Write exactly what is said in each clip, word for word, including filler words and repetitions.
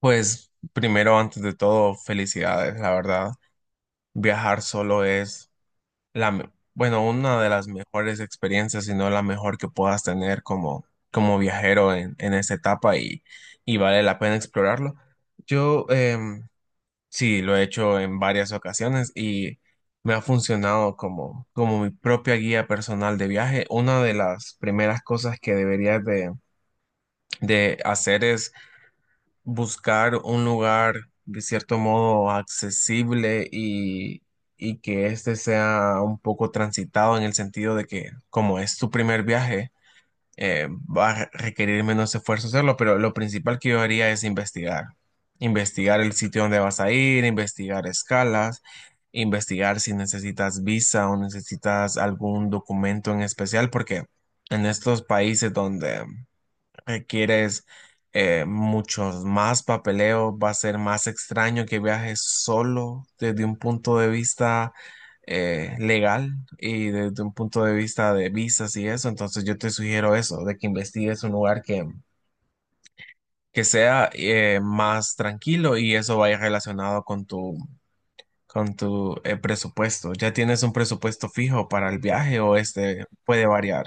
Pues primero, antes de todo, felicidades, la verdad. Viajar solo es la, me- bueno, una de las mejores experiencias, si no la mejor que puedas tener como, como viajero en, en esta etapa y, y vale la pena explorarlo. Yo em, sí, lo he hecho en varias ocasiones y me ha funcionado como, como mi propia guía personal de viaje. Una de las primeras cosas que deberías de de hacer es buscar un lugar de cierto modo accesible y, y que este sea un poco transitado en el sentido de que como es tu primer viaje, eh, va a requerir menos esfuerzo hacerlo, pero lo principal que yo haría es investigar. Investigar el sitio donde vas a ir, investigar escalas, investigar si necesitas visa o necesitas algún documento en especial, porque en estos países donde requieres eh, muchos más papeleos, va a ser más extraño que viajes solo desde un punto de vista eh, legal y desde un punto de vista de visas y eso. Entonces yo te sugiero eso, de que investigues un lugar que, que sea eh, más tranquilo y eso vaya relacionado con tu con tu eh, presupuesto. ¿Ya tienes un presupuesto fijo para el viaje o este puede variar?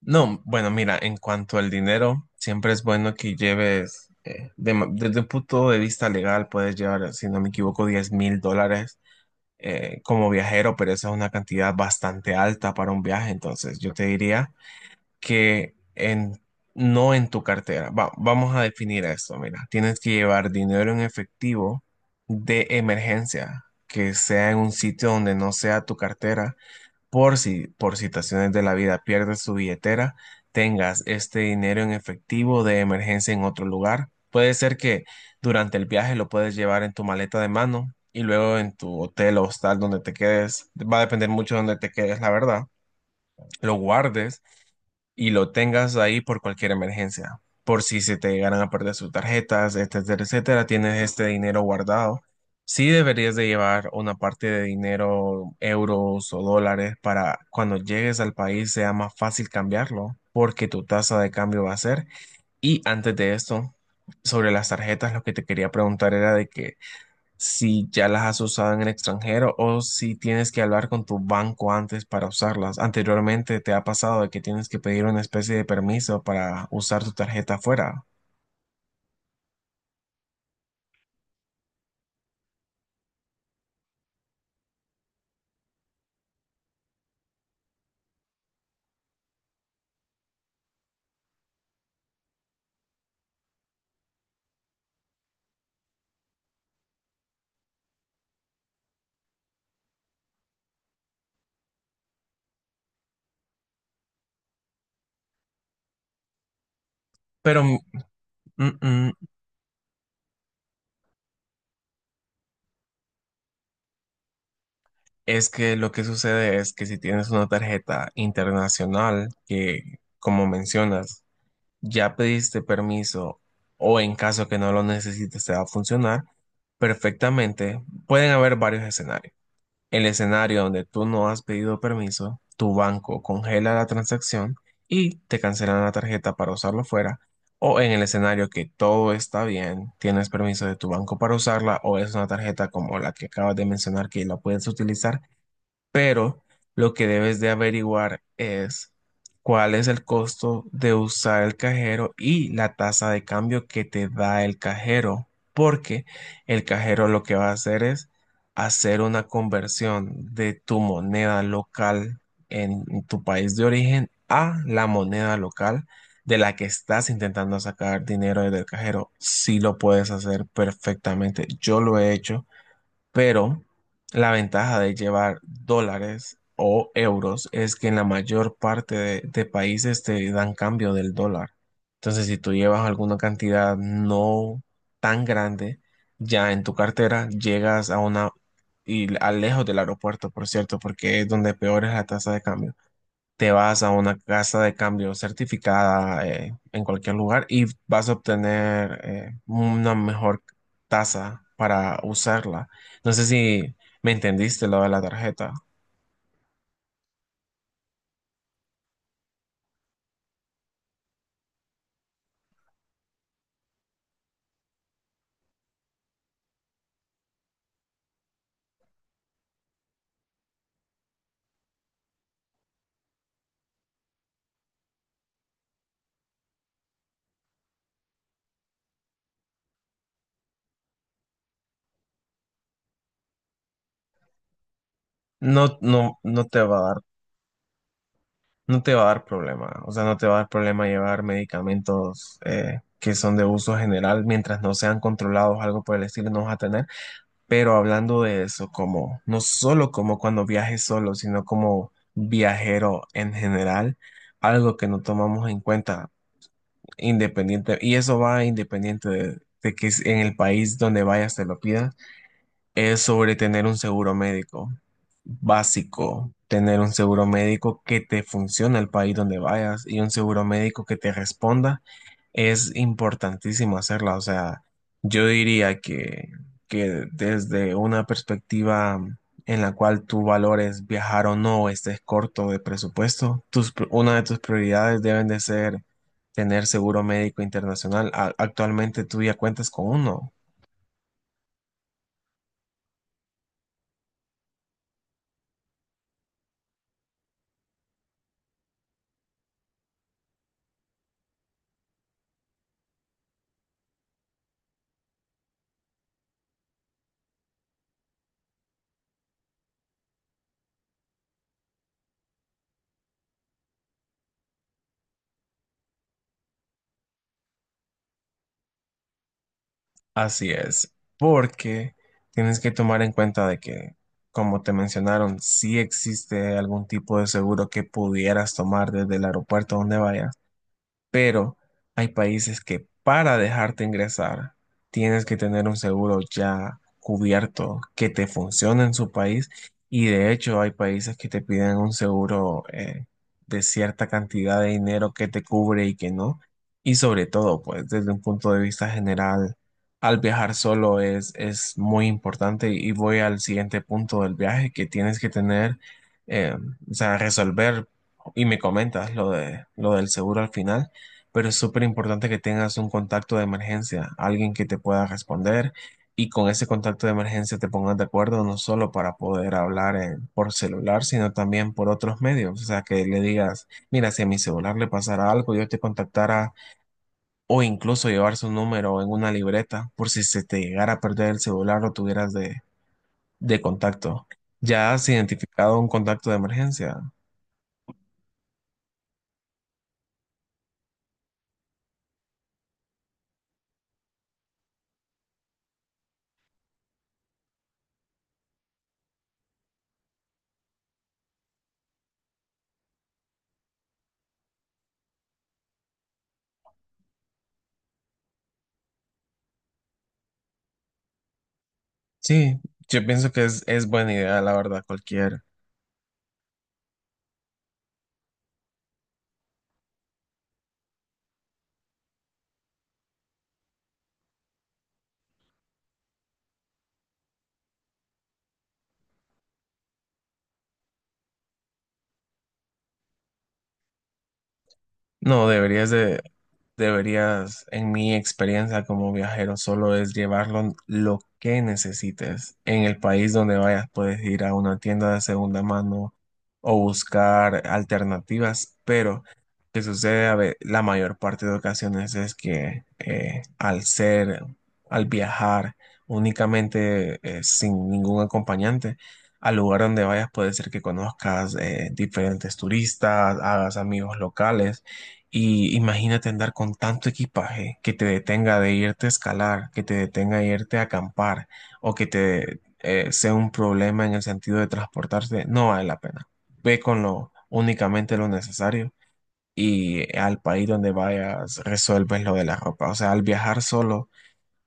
No, bueno, mira, en cuanto al dinero, siempre es bueno que lleves, eh, de ma- desde un punto de vista legal, puedes llevar, si no me equivoco, diez mil dólares eh, como viajero, pero esa es una cantidad bastante alta para un viaje. Entonces, yo te diría que en, no en tu cartera. Va- vamos a definir esto, mira. Tienes que llevar dinero en efectivo de emergencia, que sea en un sitio donde no sea tu cartera por si, por situaciones de la vida pierdes tu billetera, tengas este dinero en efectivo de emergencia en otro lugar. Puede ser que durante el viaje lo puedes llevar en tu maleta de mano y luego en tu hotel o hostal donde te quedes. Va a depender mucho de donde te quedes, la verdad lo guardes y lo tengas ahí por cualquier emergencia. Por si se te llegaran a perder sus tarjetas, etcétera, etcétera, tienes este dinero guardado. Sí deberías de llevar una parte de dinero, euros o dólares, para cuando llegues al país sea más fácil cambiarlo, porque tu tasa de cambio va a ser. Y antes de esto, sobre las tarjetas, lo que te quería preguntar era de que si ya las has usado en el extranjero o si tienes que hablar con tu banco antes para usarlas. Anteriormente te ha pasado de que tienes que pedir una especie de permiso para usar tu tarjeta afuera. Pero mm, mm, es que lo que sucede es que si tienes una tarjeta internacional que, como mencionas, ya pediste permiso o en caso que no lo necesites te va a funcionar perfectamente, pueden haber varios escenarios. El escenario donde tú no has pedido permiso, tu banco congela la transacción y te cancelan la tarjeta para usarlo fuera. O en el escenario que todo está bien, tienes permiso de tu banco para usarla o es una tarjeta como la que acabas de mencionar que la puedes utilizar pero lo que debes de averiguar es cuál es el costo de usar el cajero y la tasa de cambio que te da el cajero, porque el cajero lo que va a hacer es hacer una conversión de tu moneda local en tu país de origen a la moneda local de la que estás intentando sacar dinero desde el cajero. Sí lo puedes hacer perfectamente. Yo lo he hecho. Pero la ventaja de llevar dólares o euros es que en la mayor parte de, de países te dan cambio del dólar. Entonces, si tú llevas alguna cantidad no tan grande ya en tu cartera, llegas a una, y al lejos del aeropuerto, por cierto, porque es donde peor es la tasa de cambio te vas a una casa de cambio certificada eh, en cualquier lugar y vas a obtener eh, una mejor tasa para usarla. No sé si me entendiste lo de la tarjeta. No, no, no te va a dar, no te va a dar problema. O sea, no te va a dar problema llevar medicamentos eh, que son de uso general mientras no sean controlados, algo por el estilo, no vas a tener. Pero hablando de eso, como no solo como cuando viajes solo, sino como viajero en general, algo que no tomamos en cuenta, independiente, y eso va independiente de, de que es- en el país donde vayas te lo pidas, es sobre tener un seguro médico básico, tener un seguro médico que te funcione el país donde vayas y un seguro médico que te responda es importantísimo hacerla, o sea, yo diría que, que desde una perspectiva en la cual tú valores viajar o no, o estés corto de presupuesto, tus, pr- una de tus prioridades deben de ser tener seguro médico internacional. A- actualmente tú ya cuentas con uno. Así es, porque tienes que tomar en cuenta de que, como te mencionaron, si existe algún tipo de seguro que pudieras tomar desde el aeropuerto donde vayas, pero hay países que para dejarte ingresar tienes que tener un seguro ya cubierto que te funcione en su país y de hecho hay países que te piden un seguro eh, de cierta cantidad de dinero que te cubre y que no. Y sobre todo, pues desde un punto de vista general, al viajar solo es, es muy importante y voy al siguiente punto del viaje que tienes que tener, eh, o sea, resolver y me comentas lo de, lo del seguro al final, pero es súper importante que tengas un contacto de emergencia, alguien que te pueda responder y con ese contacto de emergencia te pongas de acuerdo no solo para poder hablar eh, por celular, sino también por otros medios. O sea, que le digas, mira, si a mi celular le pasara algo, yo te contactara o incluso llevar su número en una libreta por si se te llegara a perder el celular o tuvieras de, de contacto. ¿Ya has identificado un contacto de emergencia? Sí, yo pienso que es, es buena idea, la verdad, cualquier. No, deberías de, deberías, en mi experiencia como viajero, solo es llevarlo lo que necesites. En el país donde vayas, puedes ir a una tienda de segunda mano o buscar alternativas, pero que sucede a ve- la mayor parte de ocasiones es que eh, al ser, al viajar únicamente eh, sin ningún acompañante, al lugar donde vayas puede ser que conozcas eh, diferentes turistas, hagas amigos locales y imagínate andar con tanto equipaje que te detenga de irte a escalar, que te detenga de irte a acampar o que te eh, sea un problema en el sentido de transportarse, no vale la pena. Ve con lo únicamente lo necesario y al país donde vayas resuelves lo de la ropa. O sea, al viajar solo,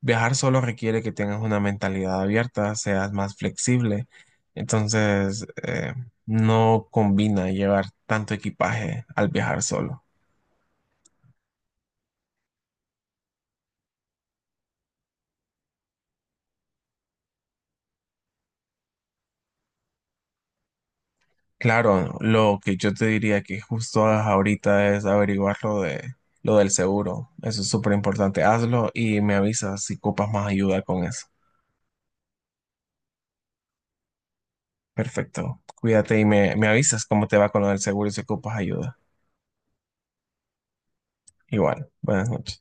viajar solo requiere que tengas una mentalidad abierta, seas más flexible. Entonces, eh, no combina llevar tanto equipaje al viajar solo. Claro, lo que yo te diría que justo ahorita es averiguar lo de lo del seguro. Eso es súper importante. Hazlo y me avisas si ocupas más ayuda con eso. Perfecto. Cuídate y me, me avisas cómo te va con lo del seguro y si ocupas ayuda. Igual. Buenas noches.